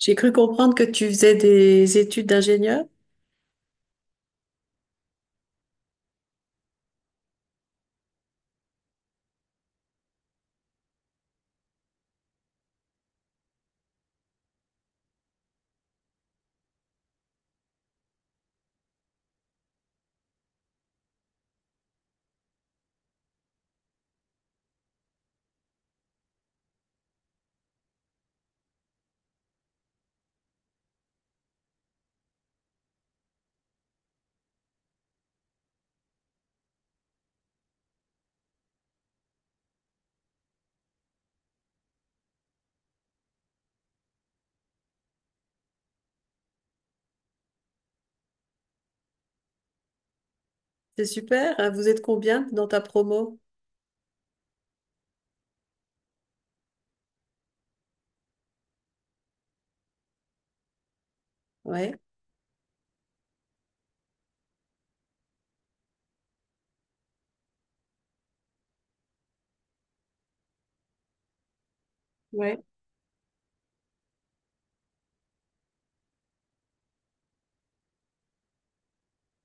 J'ai cru comprendre que tu faisais des études d'ingénieur. C'est super, hein. Vous êtes combien dans ta promo? Ouais. Ouais.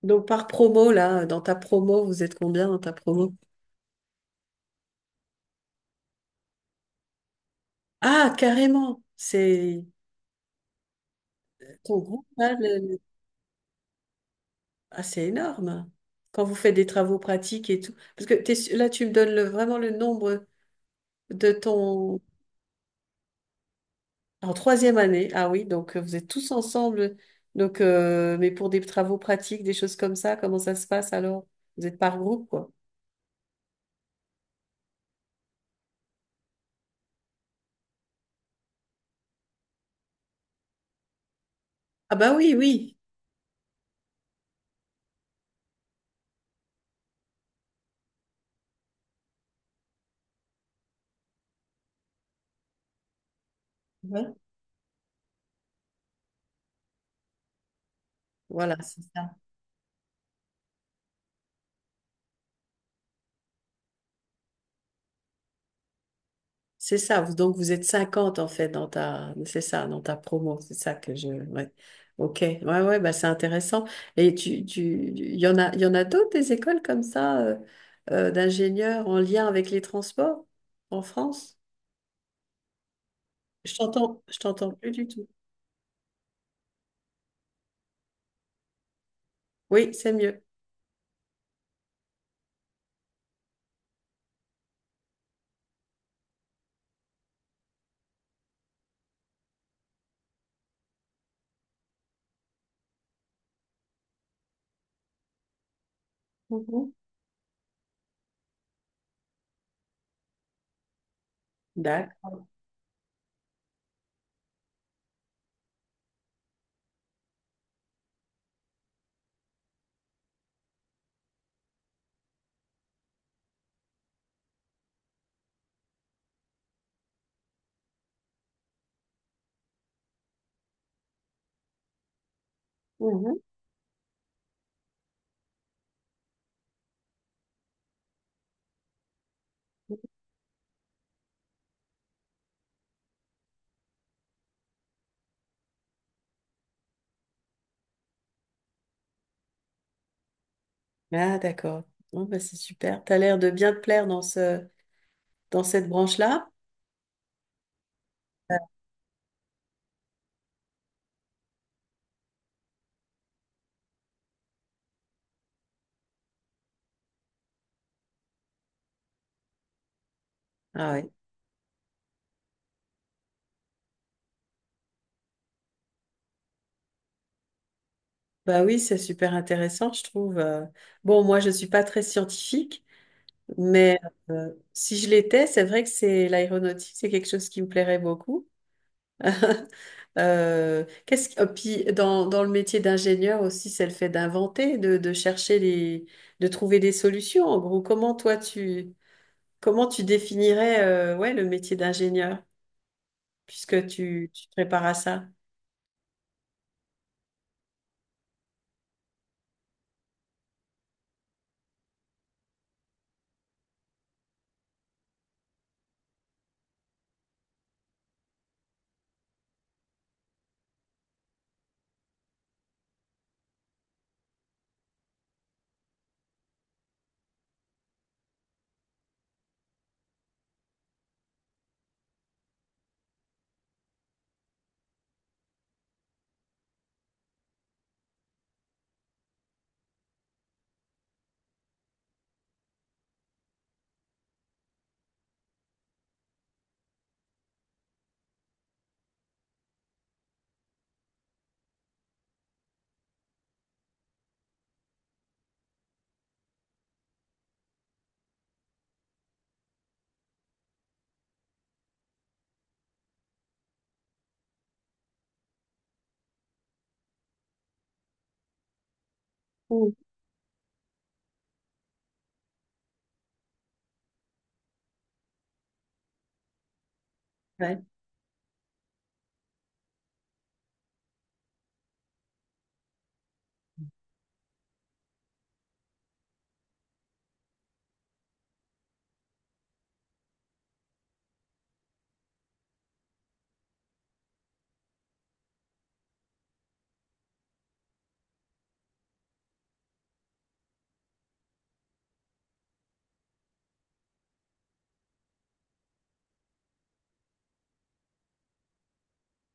Donc par promo, là, dans ta promo, vous êtes combien dans ta promo? Ah, carrément. C'est ton groupe, là, ah, c'est énorme. Quand vous faites des travaux pratiques et tout. Parce que là, tu me donnes vraiment le nombre de ton... En troisième année. Ah oui, donc vous êtes tous ensemble. Donc, mais pour des travaux pratiques, des choses comme ça, comment ça se passe alors? Vous êtes par groupe, quoi. Ah bah oui, oui. Ouais. Voilà, c'est ça. C'est ça. Donc vous êtes 50 en fait dans ta c'est ça, dans ta promo. C'est ça que je. Ouais. Ok. Ouais, ouais, bah c'est intéressant. Et il y en a, il y en a d'autres des écoles comme ça d'ingénieurs en lien avec les transports en France? Je t'entends plus du tout. Oui, c'est mieux. Mhm. D'accord. Mhm. Ah d'accord. Bon, bah, c'est super. T'as l'air de bien te plaire dans ce dans cette branche-là. Ah ouais. Bah oui, c'est super intéressant, je trouve. Bon, moi, je suis pas très scientifique, mais si je l'étais, c'est vrai que c'est l'aéronautique, c'est quelque chose qui me plairait beaucoup. Oh, puis dans, dans le métier d'ingénieur aussi, c'est le fait d'inventer, de chercher les, de trouver des solutions. En gros, comment tu définirais ouais, le métier d'ingénieur, puisque tu te prépares à ça? Mm. Ouais,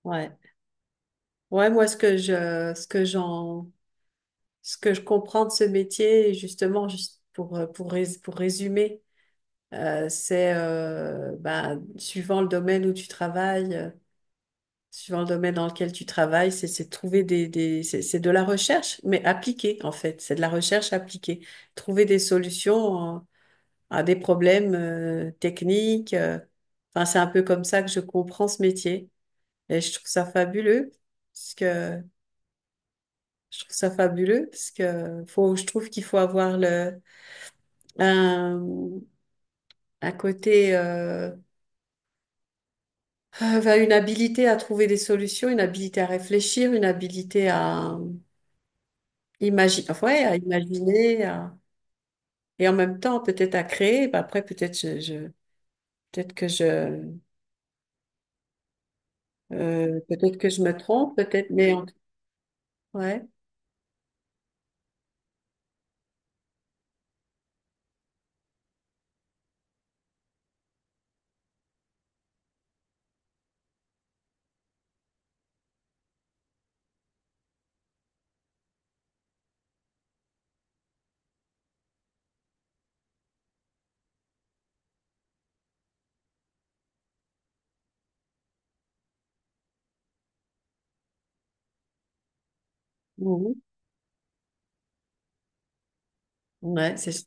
ouais. Ouais, moi, ce que je comprends de ce métier, justement, juste pour, pour résumer, c'est bah, suivant le domaine où tu travailles, suivant le domaine dans lequel tu travailles, c'est de trouver des c'est de la recherche, mais appliquée en fait. C'est de la recherche appliquée. Trouver des solutions à des problèmes techniques. Enfin, c'est un peu comme ça que je comprends ce métier. Et je trouve ça fabuleux, parce que je trouve ça fabuleux, parce que faut, je trouve qu'il faut avoir un, un côté, enfin, une habilité à trouver des solutions, une habilité à réfléchir, une habilité à imaginer, ouais, à imaginer, à- et en même temps peut-être à créer. Ben, après, peut-être que peut-être que je me trompe, peut-être, ouais, mhm. ouais, c'est, su-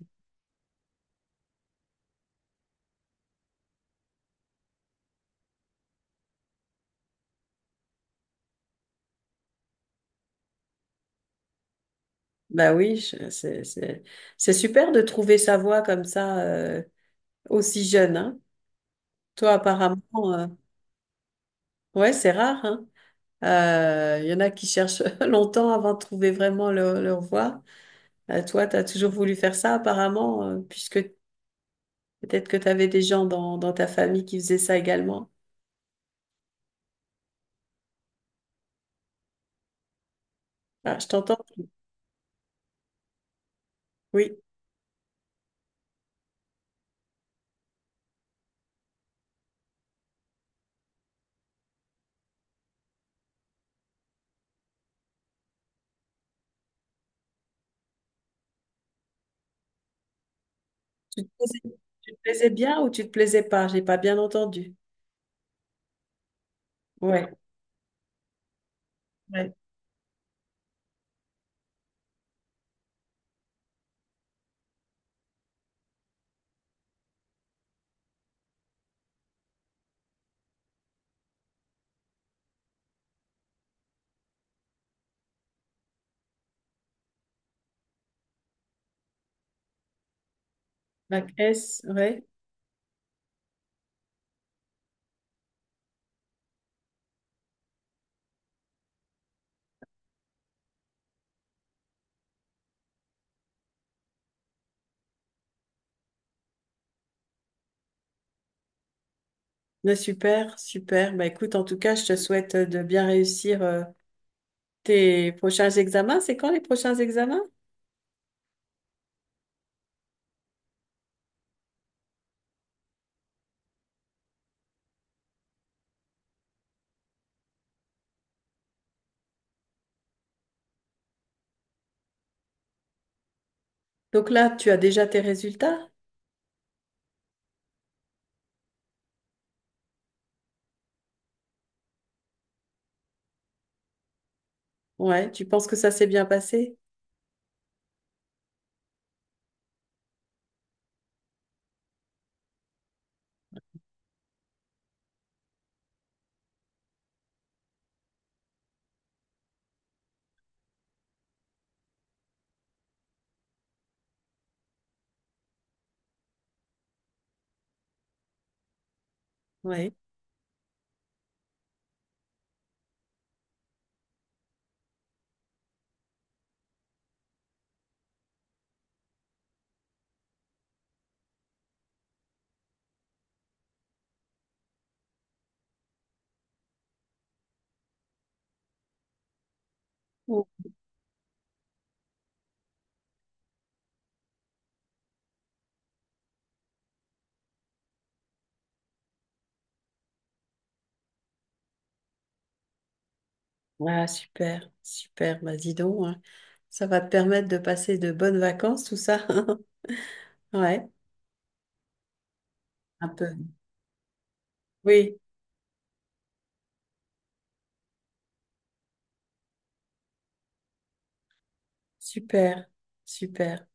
bah oui, je- c'est, c'est, c'est super de trouver sa voie comme ça aussi jeune, hein. Toi, apparemment, ouais, c'est rare, hein. Il y en a qui cherchent longtemps avant de trouver vraiment leur, leur voie. Toi, tu as toujours voulu faire ça apparemment, puisque peut-être que tu avais des gens dans ta famille qui faisaient ça également. Ah, je t'entends? Oui. Tu te plaisais, tu te plaisais bien ou tu te plaisais pas? J'ai pas bien entendu. Ouais, ouais. Bac S, ouais. Ouais, super, super. Bah, écoute, en tout cas, je te souhaite de bien réussir tes prochains examens. C'est quand les prochains examens? Donc là, tu as déjà tes résultats? Ouais, tu penses que ça s'est bien passé? Ouais. Oh. Ah, super, super. Bah, dis donc, hein. Ça va te permettre de passer de bonnes vacances, tout ça. Ouais, un peu. Oui, super, super.